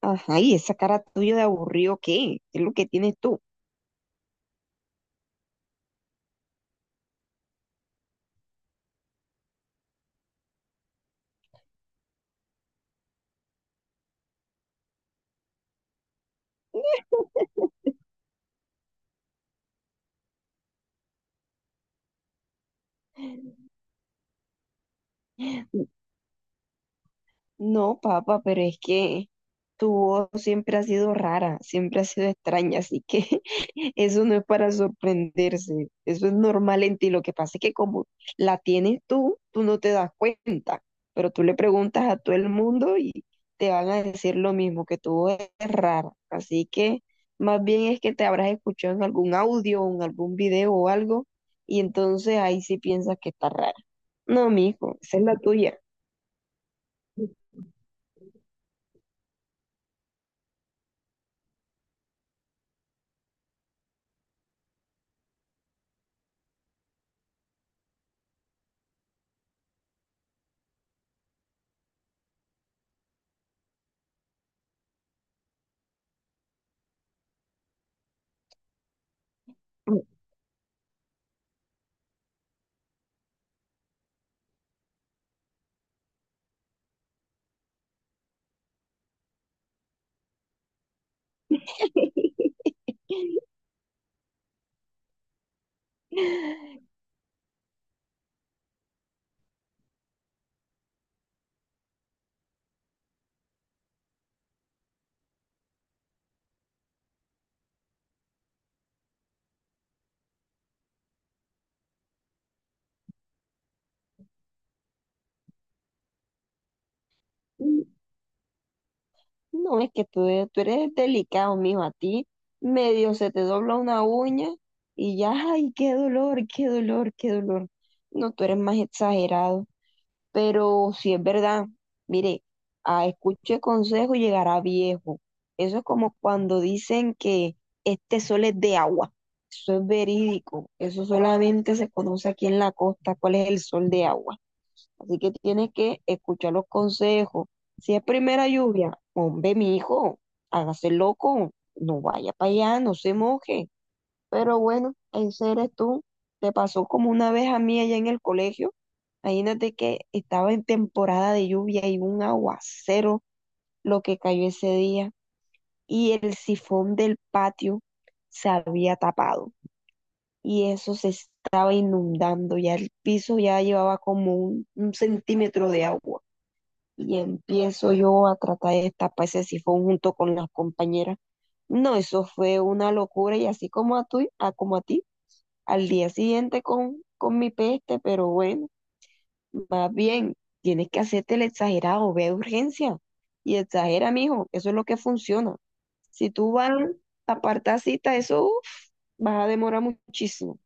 Ajá, y esa cara tuya de aburrido, ¿qué? ¿Qué es lo que tienes tú? No, papá, pero es que tu voz siempre ha sido rara, siempre ha sido extraña, así que eso no es para sorprenderse, eso es normal en ti. Lo que pasa es que como la tienes tú, tú no te das cuenta, pero tú le preguntas a todo el mundo y te van a decir lo mismo, que tu voz es rara. Así que más bien es que te habrás escuchado en algún audio, o en algún video o algo, y entonces ahí sí piensas que está rara. No, mijo, esa es la tuya. Mm. No, es que tú, tú eres delicado, mijo. A ti medio se te dobla una uña y ya, ay, qué dolor, qué dolor, qué dolor. No, tú eres más exagerado. Pero si es verdad, mire, a escuche consejo llegará viejo. Eso es como cuando dicen que este sol es de agua. Eso es verídico. Eso solamente se conoce aquí en la costa, cuál es el sol de agua. Así que tienes que escuchar los consejos. Si es primera lluvia, hombre, mi hijo, hágase loco, no vaya para allá, no se moje. Pero bueno, ese eres tú. Te pasó como una vez a mí allá en el colegio. Imagínate que estaba en temporada de lluvia y un aguacero lo que cayó ese día y el sifón del patio se había tapado y eso se estaba inundando, ya el piso ya llevaba como un centímetro de agua y empiezo yo a tratar de tapar ese sifón junto con las compañeras. No, eso fue una locura y así como a, tu, a, como a ti, al día siguiente con mi peste, pero bueno, más bien, tienes que hacerte el exagerado, ve a urgencia y exagera, mijo, eso es lo que funciona. Si tú vas a apartar cita, eso uf, vas a demorar muchísimo.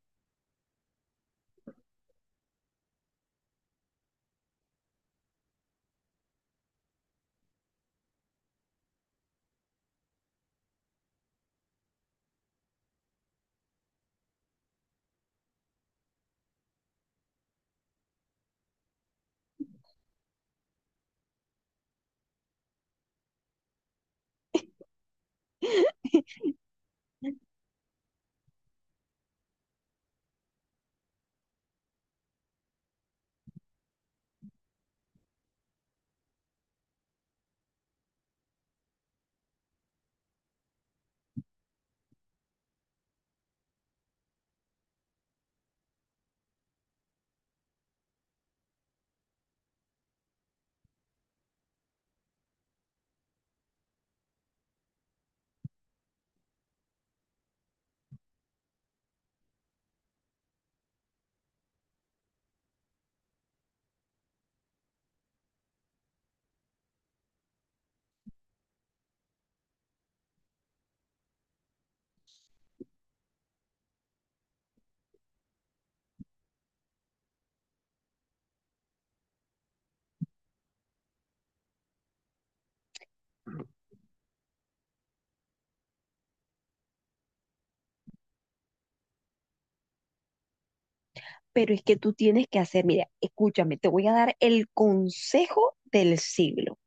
Pero es que tú tienes que hacer, mira, escúchame, te voy a dar el consejo del siglo.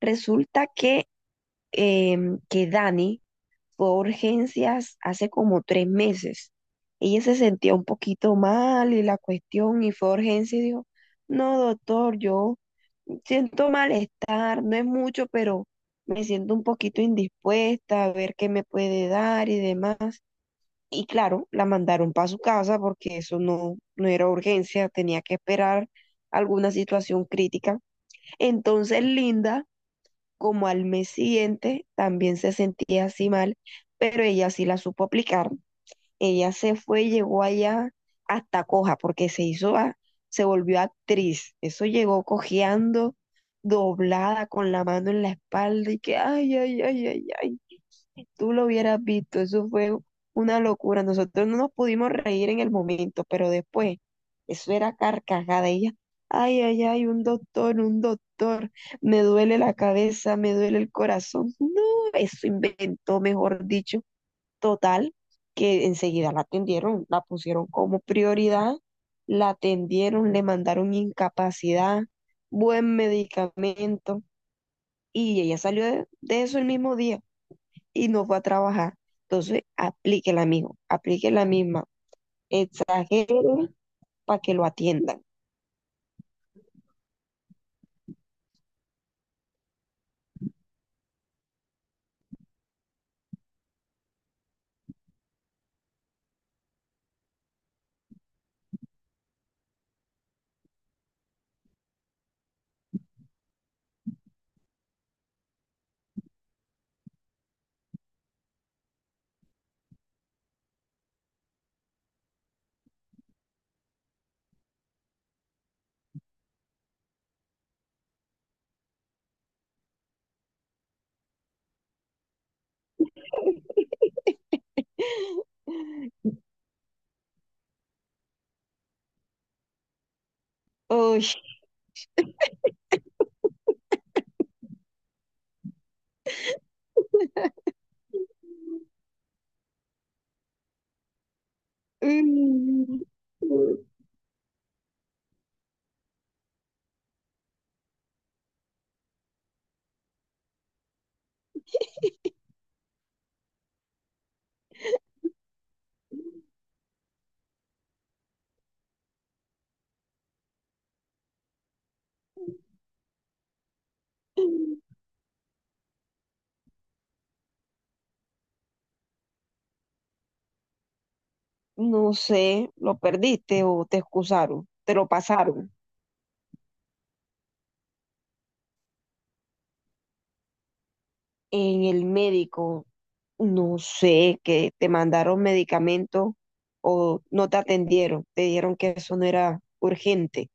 Resulta que que Dani fue a urgencias hace como tres meses. Ella se sentía un poquito mal y la cuestión y fue a urgencias y dijo, no, doctor, yo siento malestar, no es mucho, pero me siento un poquito indispuesta a ver qué me puede dar y demás. Y claro, la mandaron para su casa porque eso no, no era urgencia, tenía que esperar alguna situación crítica. Entonces, Linda como al mes siguiente también se sentía así mal, pero ella sí la supo aplicar. Ella se fue, llegó allá hasta coja, porque se hizo, se volvió actriz. Eso llegó cojeando, doblada, con la mano en la espalda y que, ay, ay, ay, ay, ay. Tú lo hubieras visto, eso fue una locura. Nosotros no nos pudimos reír en el momento, pero después, eso era carcajada. Ella, ay, ay, ay, un doctor, me duele la cabeza, me duele el corazón. No, eso inventó, mejor dicho, total, que enseguida la atendieron, la pusieron como prioridad, la atendieron, le mandaron incapacidad, buen medicamento, y ella salió de eso el mismo día y no fue a trabajar. Entonces, aplíquela, amigo, aplíquela misma. Exagere para que lo atiendan. Uy. Mm, no sé, lo perdiste o te excusaron, te lo pasaron. En el médico, no sé, que te mandaron medicamentos o no te atendieron, te dijeron que eso no era urgente.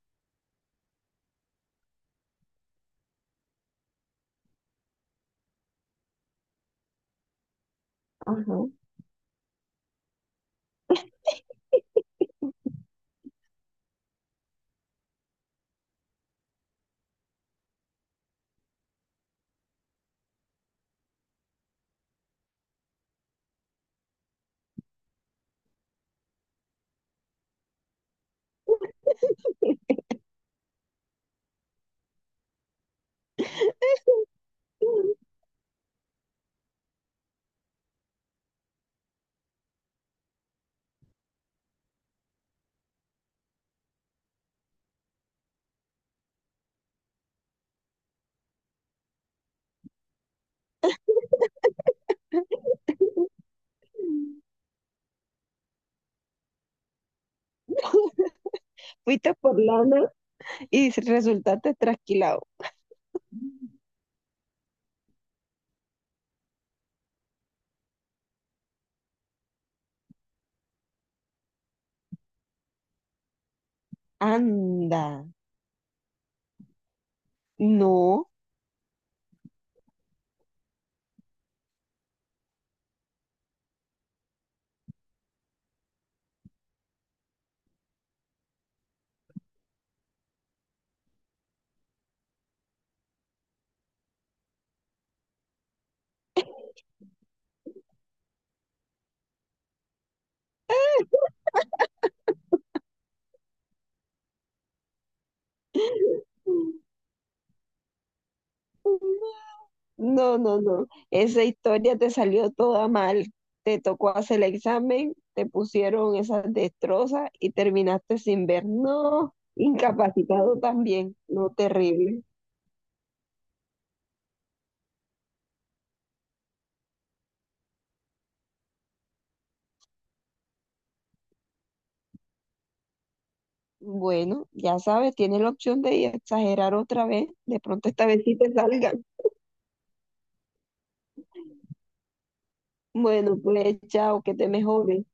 Ajá. Fuiste por lana y resultaste trasquilado. Anda. No, no, no, no. Esa historia te salió toda mal. Te tocó hacer el examen, te pusieron esas destrozas y terminaste sin ver. No, incapacitado también. No, terrible. Bueno, ya sabes, tienes la opción de exagerar otra vez. De pronto esta vez sí te salgan. Bueno, pues chao, que te mejores.